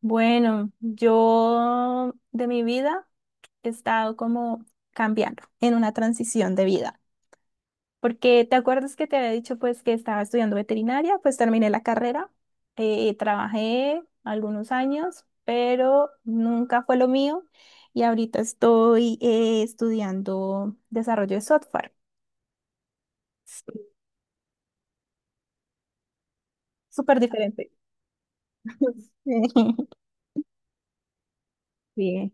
Bueno, yo de mi vida he estado como cambiando en una transición de vida, porque te acuerdas que te había dicho pues que estaba estudiando veterinaria, pues terminé la carrera, trabajé algunos años, pero nunca fue lo mío y ahorita estoy estudiando desarrollo de software. Sí. Súper diferente. Sí.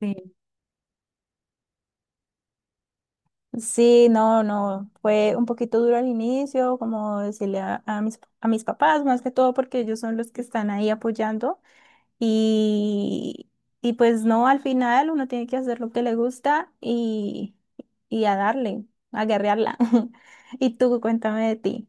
Sí. Sí, no, no, fue un poquito duro al inicio, como decirle a mis papás, más que todo porque ellos son los que están ahí apoyando y, y pues no, al final uno tiene que hacer lo que le gusta y a darle, a guerrearla. Y tú, cuéntame de ti.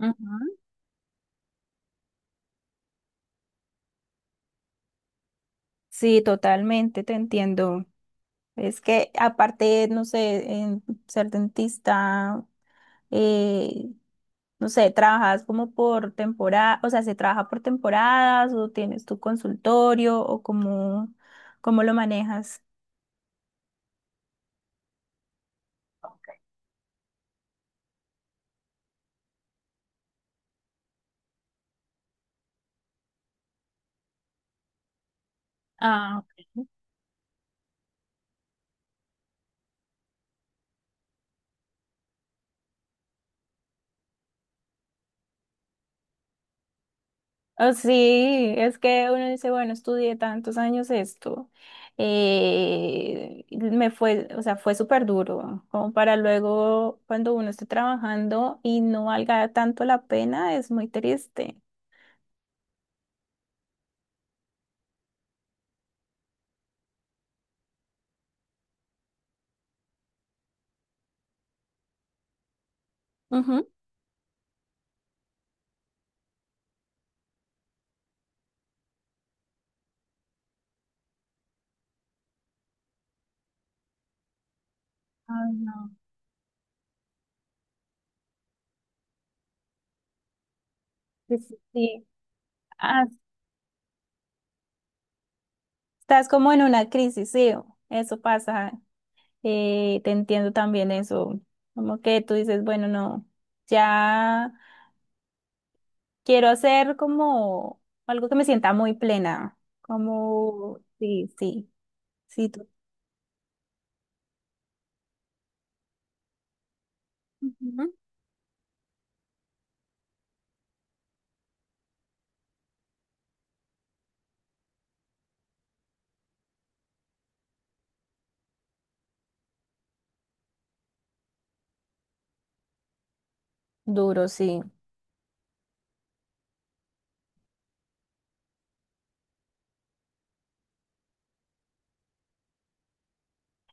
Ujú. Sí, totalmente, te entiendo. Es que aparte, no sé, en ser dentista, eh, no sé, trabajas como por temporada, o sea, se trabaja por temporadas o tienes tu consultorio o cómo, cómo lo manejas. Ah, ok. Oh, sí, es que uno dice, bueno, estudié tantos años esto, me fue, o sea, fue súper duro, como para luego cuando uno esté trabajando y no valga tanto la pena, es muy triste. Ujú. Ay, no. Sí, sí, sí. Ah, estás como en una crisis, sí, eso pasa. Te entiendo también eso. Como que tú dices, bueno, no, ya quiero hacer como algo que me sienta muy plena. Como, sí, sí, sí, tú- Ujú. Duro, sí.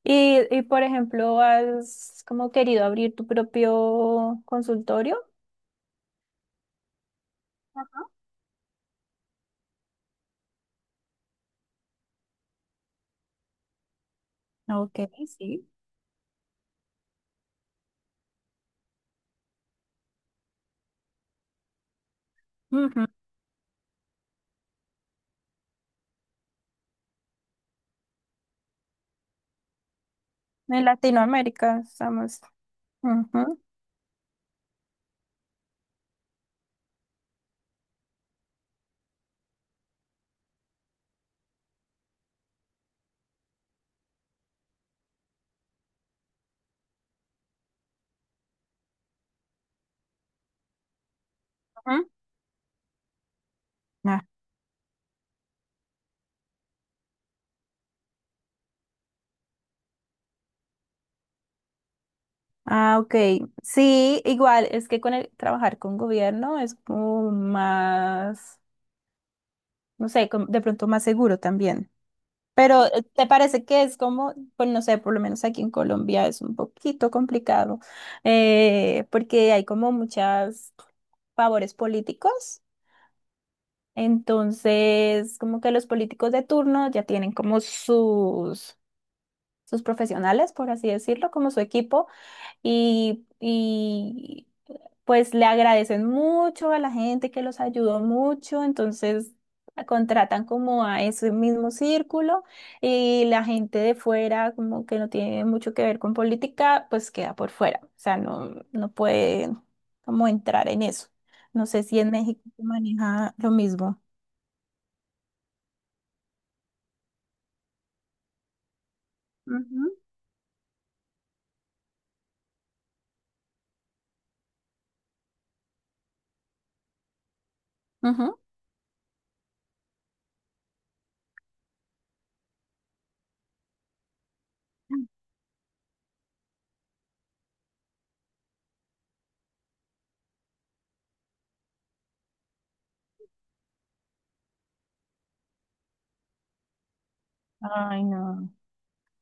Y por ejemplo, ¿has como querido abrir tu propio consultorio? Ajá. Ok. Sí. Ujú. En Latinoamérica estamos. ¿Mm? Ah, ah, ok. Sí, igual, es que con el trabajar con gobierno es como más, no sé, como de pronto más seguro también. Pero ¿te parece que es como, pues no sé, por lo menos aquí en Colombia es un poquito complicado, porque hay como muchas favores políticos? Entonces, como que los políticos de turno ya tienen como sus, sus profesionales, por así decirlo, como su equipo y, pues le agradecen mucho a la gente que los ayudó mucho, entonces a- contratan como a ese mismo círculo y la gente de fuera, como que no tiene mucho que ver con política, pues queda por fuera, o sea, no, no puede como entrar en eso. No sé si en México se maneja lo mismo. Ujú. Ujú. Ay, no.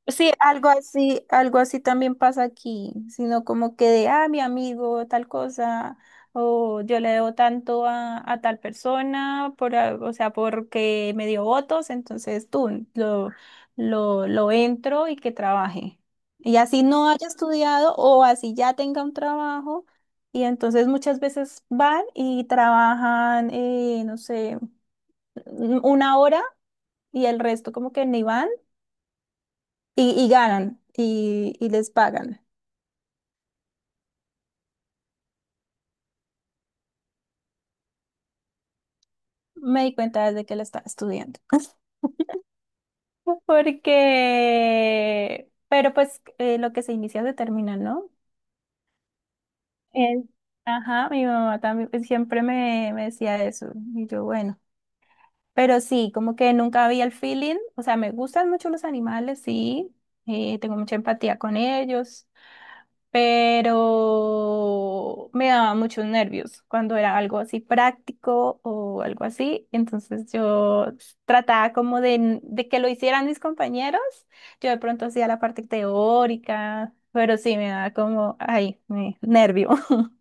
Sí, algo así también pasa aquí, sino como que de, ah, mi amigo, tal cosa, o yo le debo tanto a tal persona, por, a- o sea, porque me dio votos, entonces tú lo entro y que trabaje. Y así no haya estudiado o así ya tenga un trabajo, y entonces muchas veces van y trabajan, no sé, una hora y el resto como que ni van y ganan y les pagan. Me di cuenta desde que lo estaba estudiando. Porque, pero pues lo que se inicia se termina, ¿no? Eh, ajá, mi mamá también pues, siempre me, me decía eso. Y yo, bueno, pero sí, como que nunca había el feeling. O sea, me gustan mucho los animales, sí. Tengo mucha empatía con ellos, pero me daba muchos nervios cuando era algo así práctico o algo así. Entonces yo trataba como de que lo hicieran mis compañeros. Yo de pronto hacía la parte teórica, pero sí me daba como, ay, me- nervio.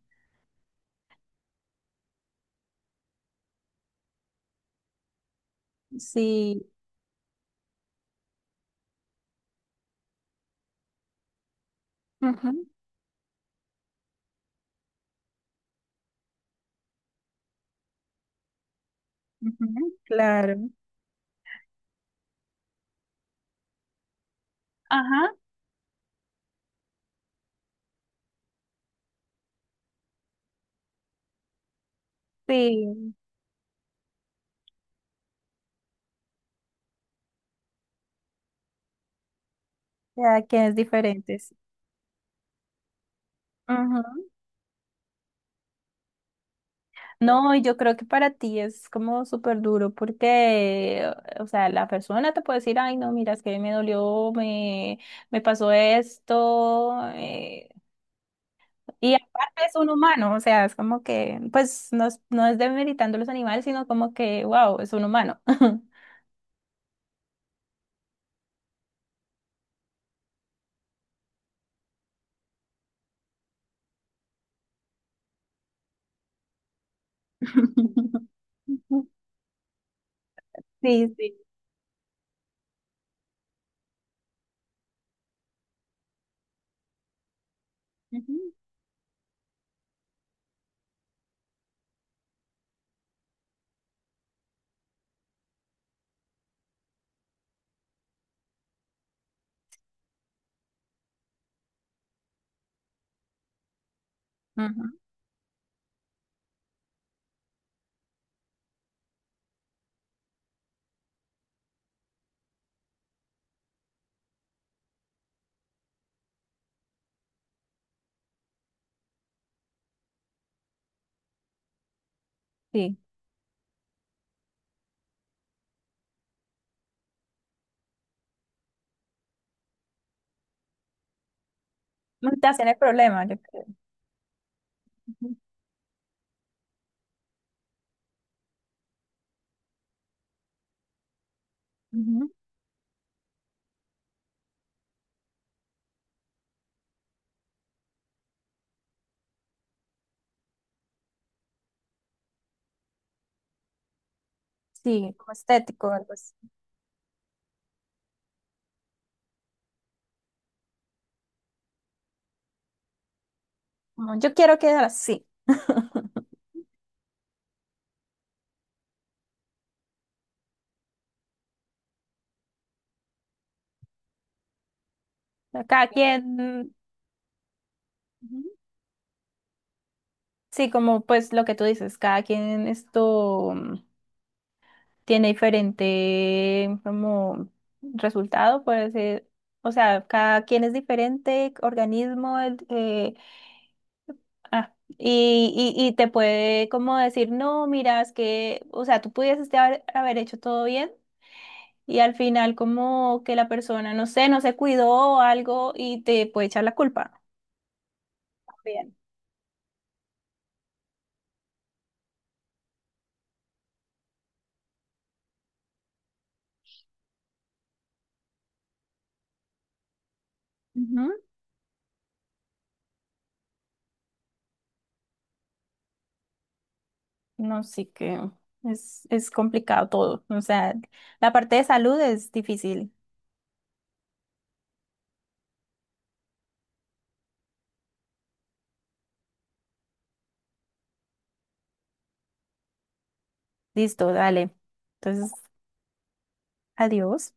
Sí. Ujú, ujú, claro. Ajá. Sí, ya que es diferente. Sí. No, y yo creo que para ti es como súper duro porque, o sea, la persona te puede decir, ay, no, mira, es que me dolió, me pasó esto, y aparte es un humano, o sea, es como que, pues, no es, no es demeritando los animales, sino como que, wow, es un humano. Sí, sí. Ujú. Ujú. Sí. Mutación el problema, yo creo. Ujú. Ujú. Sí, como estético, algo así. Como, yo quiero quedar así. Cada quien, ujú, sí, como pues lo que tú dices, cada quien esto mm, tiene diferente como resultado, puede ser, o sea, cada quien es diferente, organismo, el- ah, y te puede como decir, no, mira, es que, o sea, tú pudieses te haber, haber hecho todo bien. Y al final como que la persona, no sé, no se cuidó o algo y te puede echar la culpa. Bien. No, sí que es complicado todo. O sea, la parte de salud es difícil. Listo, dale. Entonces, adiós.